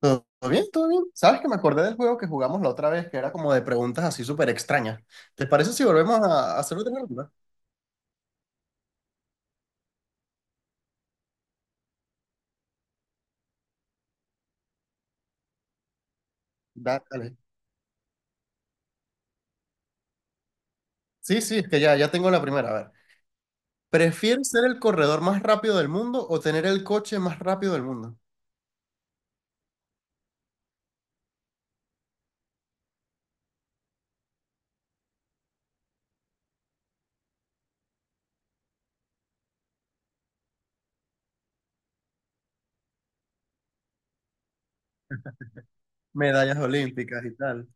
¿Todo bien? ¿Todo bien? ¿Sabes que me acordé del juego que jugamos la otra vez, que era como de preguntas así súper extrañas? ¿Te parece si volvemos a hacerlo de nuevo? Dale. Sí, sí, es que ya tengo la primera. A ver, ¿prefieres ser el corredor más rápido del mundo o tener el coche más rápido del mundo? Medallas olímpicas y tal.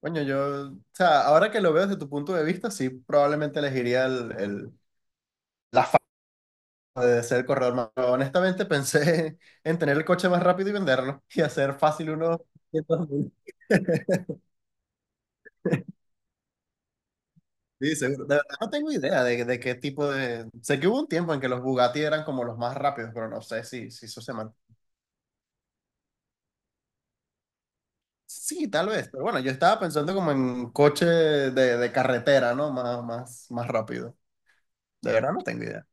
Coño, yo, o sea, ahora que lo veo desde tu punto de vista, sí, probablemente elegiría la fama de ser el corredor más, pero honestamente pensé en tener el coche más rápido y venderlo y hacer fácil unos 500 mil. Sí, seguro. De verdad no tengo idea de qué tipo de... Sé que hubo un tiempo en que los Bugatti eran como los más rápidos, pero no sé si, si eso se man... Sí, tal vez. Pero bueno, yo estaba pensando como en coche de carretera, ¿no? Más, más, más rápido. De verdad no tengo idea.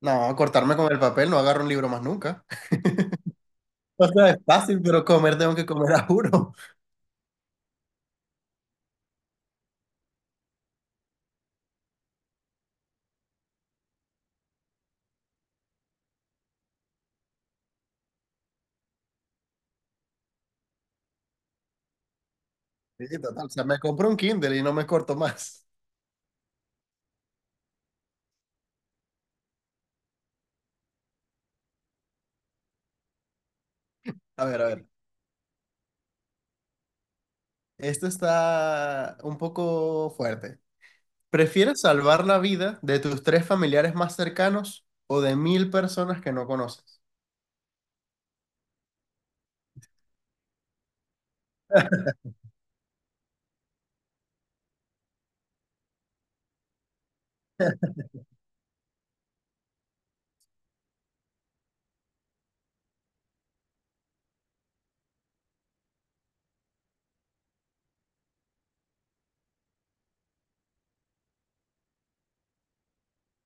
No, cortarme con el papel, no agarro un libro más nunca. O sea, es fácil, pero comer tengo que comer a juro. Sí, total. O sea, me compro un Kindle y no me corto más. A ver, a ver. Esto está un poco fuerte. ¿Prefieres salvar la vida de tus tres familiares más cercanos o de mil personas que no conoces?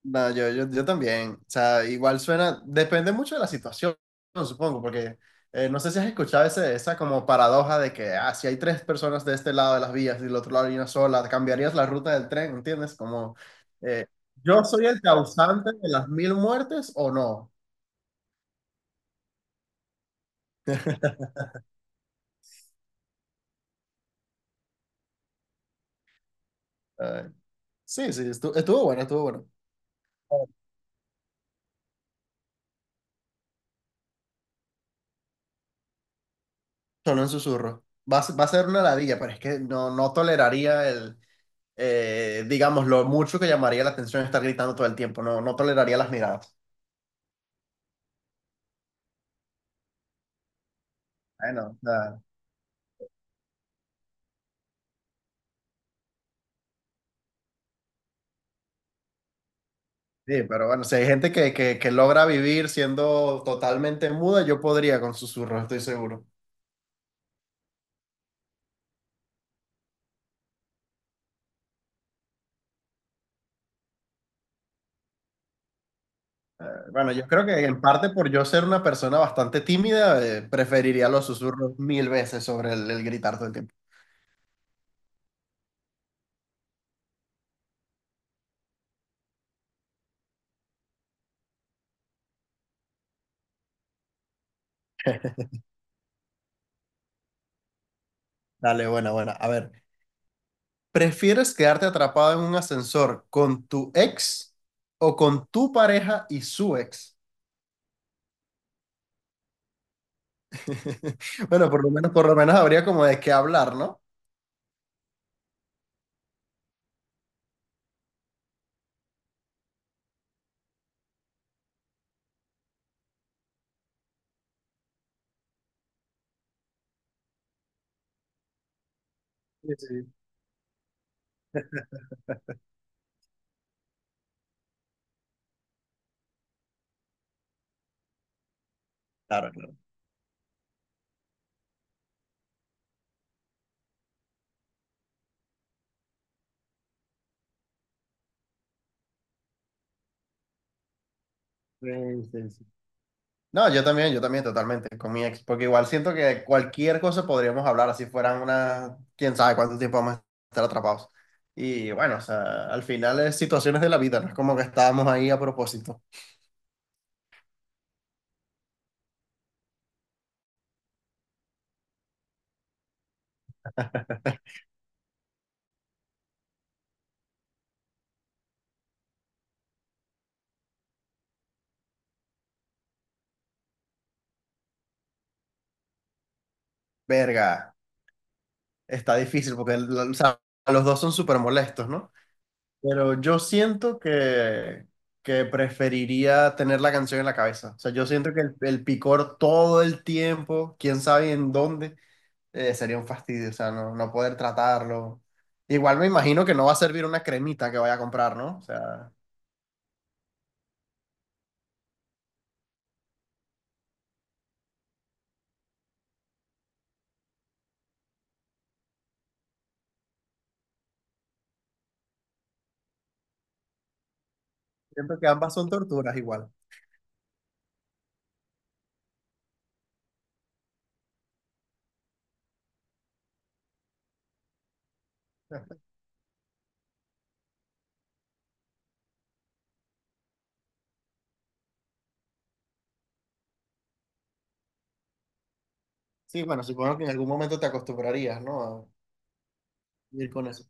No, yo también. O sea, igual suena, depende mucho de la situación, supongo, porque no sé si has escuchado esa como paradoja de que, ah, si hay tres personas de este lado de las vías y del otro lado hay una sola, cambiarías la ruta del tren, ¿entiendes? Como, eh, ¿yo soy el causante de las mil muertes o no? Eh, sí, sí, estuvo bueno, estuvo bueno. Solo en susurros. Va a ser una ladilla, pero es que no, no toleraría digamos, lo mucho que llamaría la atención estar gritando todo el tiempo. No, no toleraría las miradas. Bueno, o sea, sí, pero bueno, si hay gente que, que logra vivir siendo totalmente muda, yo podría con susurros, estoy seguro. Bueno, yo creo que en parte por yo ser una persona bastante tímida, preferiría los susurros mil veces sobre el gritar todo el tiempo. Dale, buena, buena. A ver. ¿Prefieres quedarte atrapado en un ascensor con tu ex o con tu pareja y su ex? Bueno, por lo menos habría como de qué hablar, ¿no? Sí, sí. Claro, claro. Sí, sí, sí. No, yo también totalmente con mi ex, porque igual siento que cualquier cosa podríamos hablar, así fueran una, quién sabe cuánto tiempo vamos a estar atrapados. Y bueno, o sea, al final es situaciones de la vida, no es como que estábamos ahí a propósito. Verga, está difícil porque o sea, los dos son súper molestos, ¿no? Pero yo siento que preferiría tener la canción en la cabeza. O sea, yo siento que el picor todo el tiempo, quién sabe en dónde, sería un fastidio. O sea, no, no poder tratarlo. Igual me imagino que no va a servir una cremita que vaya a comprar, ¿no? O sea, siento que ambas son torturas igual. Sí, bueno, supongo que en algún momento te acostumbrarías, ¿no? A vivir con eso.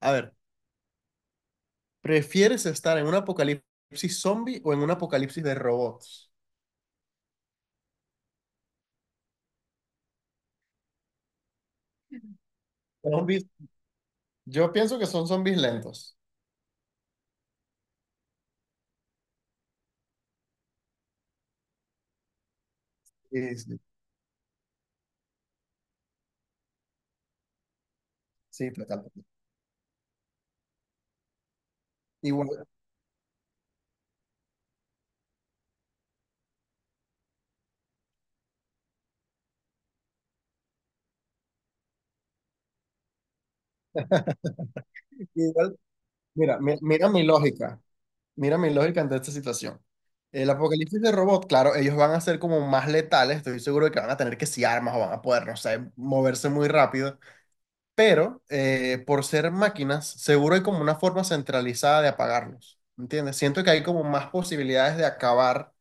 A ver, ¿prefieres estar en un apocalipsis zombie o en un apocalipsis de robots? Zombies, yo pienso que son zombies lentos. Sí, sí, sí, totalmente. Igual, igual, mira, mira mi lógica ante esta situación. El apocalipsis de robot, claro, ellos van a ser como más letales, estoy seguro de que van a tener que si armas o van a poder, no sé, moverse muy rápido, pero por ser máquinas, seguro hay como una forma centralizada de apagarlos, ¿entiendes? Siento que hay como más posibilidades de acabar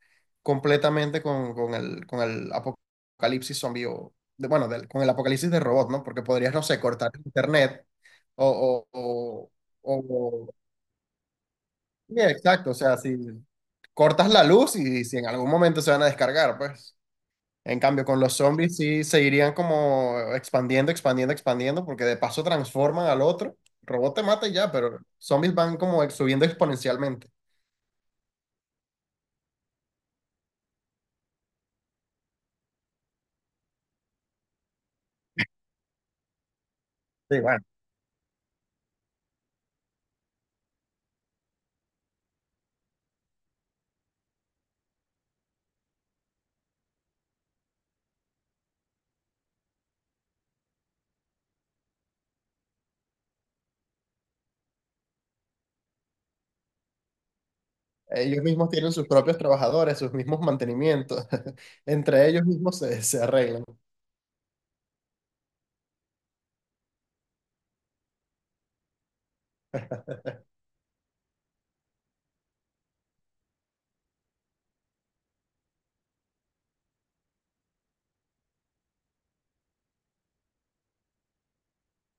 completamente con el apocalipsis zombie o, bueno, con el apocalipsis de robot, ¿no? Porque podrías, no sé, cortar el internet. O, o, o, o- sí, exacto, o sea, si cortas la luz y si en algún momento se van a descargar, pues. En cambio, con los zombies sí seguirían como expandiendo, expandiendo, expandiendo, porque de paso transforman al otro. El robot te mata y ya, pero zombies van como subiendo exponencialmente. Sí, bueno. Ellos mismos tienen sus propios trabajadores, sus mismos mantenimientos. Entre ellos mismos se arreglan.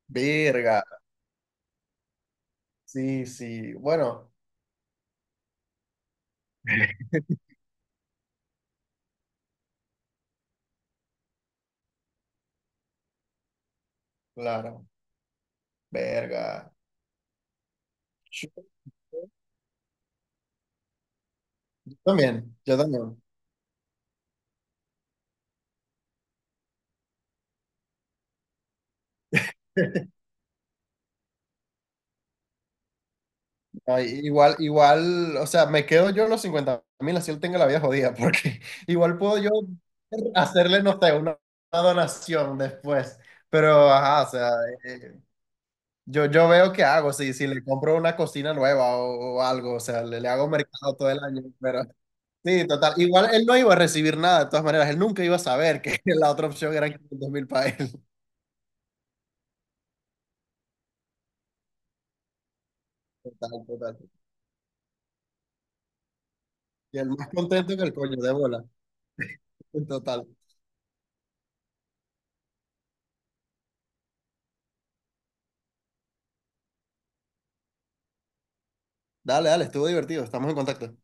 Verga. Sí, sí. Bueno, claro. Verga. También, yo también. Ay, igual, igual, o sea, me quedo yo en los 50.000, así él tenga la vida jodida, porque igual puedo yo hacerle, no sé, una donación después. Pero, ajá, o sea, eh, yo veo qué hago, si, si le compro una cocina nueva o algo, o sea, le hago mercado todo el año, pero sí, total. Igual él no iba a recibir nada, de todas maneras, él nunca iba a saber que la otra opción eran 500.000 para él. Total, total. Y el más contento que el coño de bola, total. Dale, dale, estuvo divertido, estamos en contacto.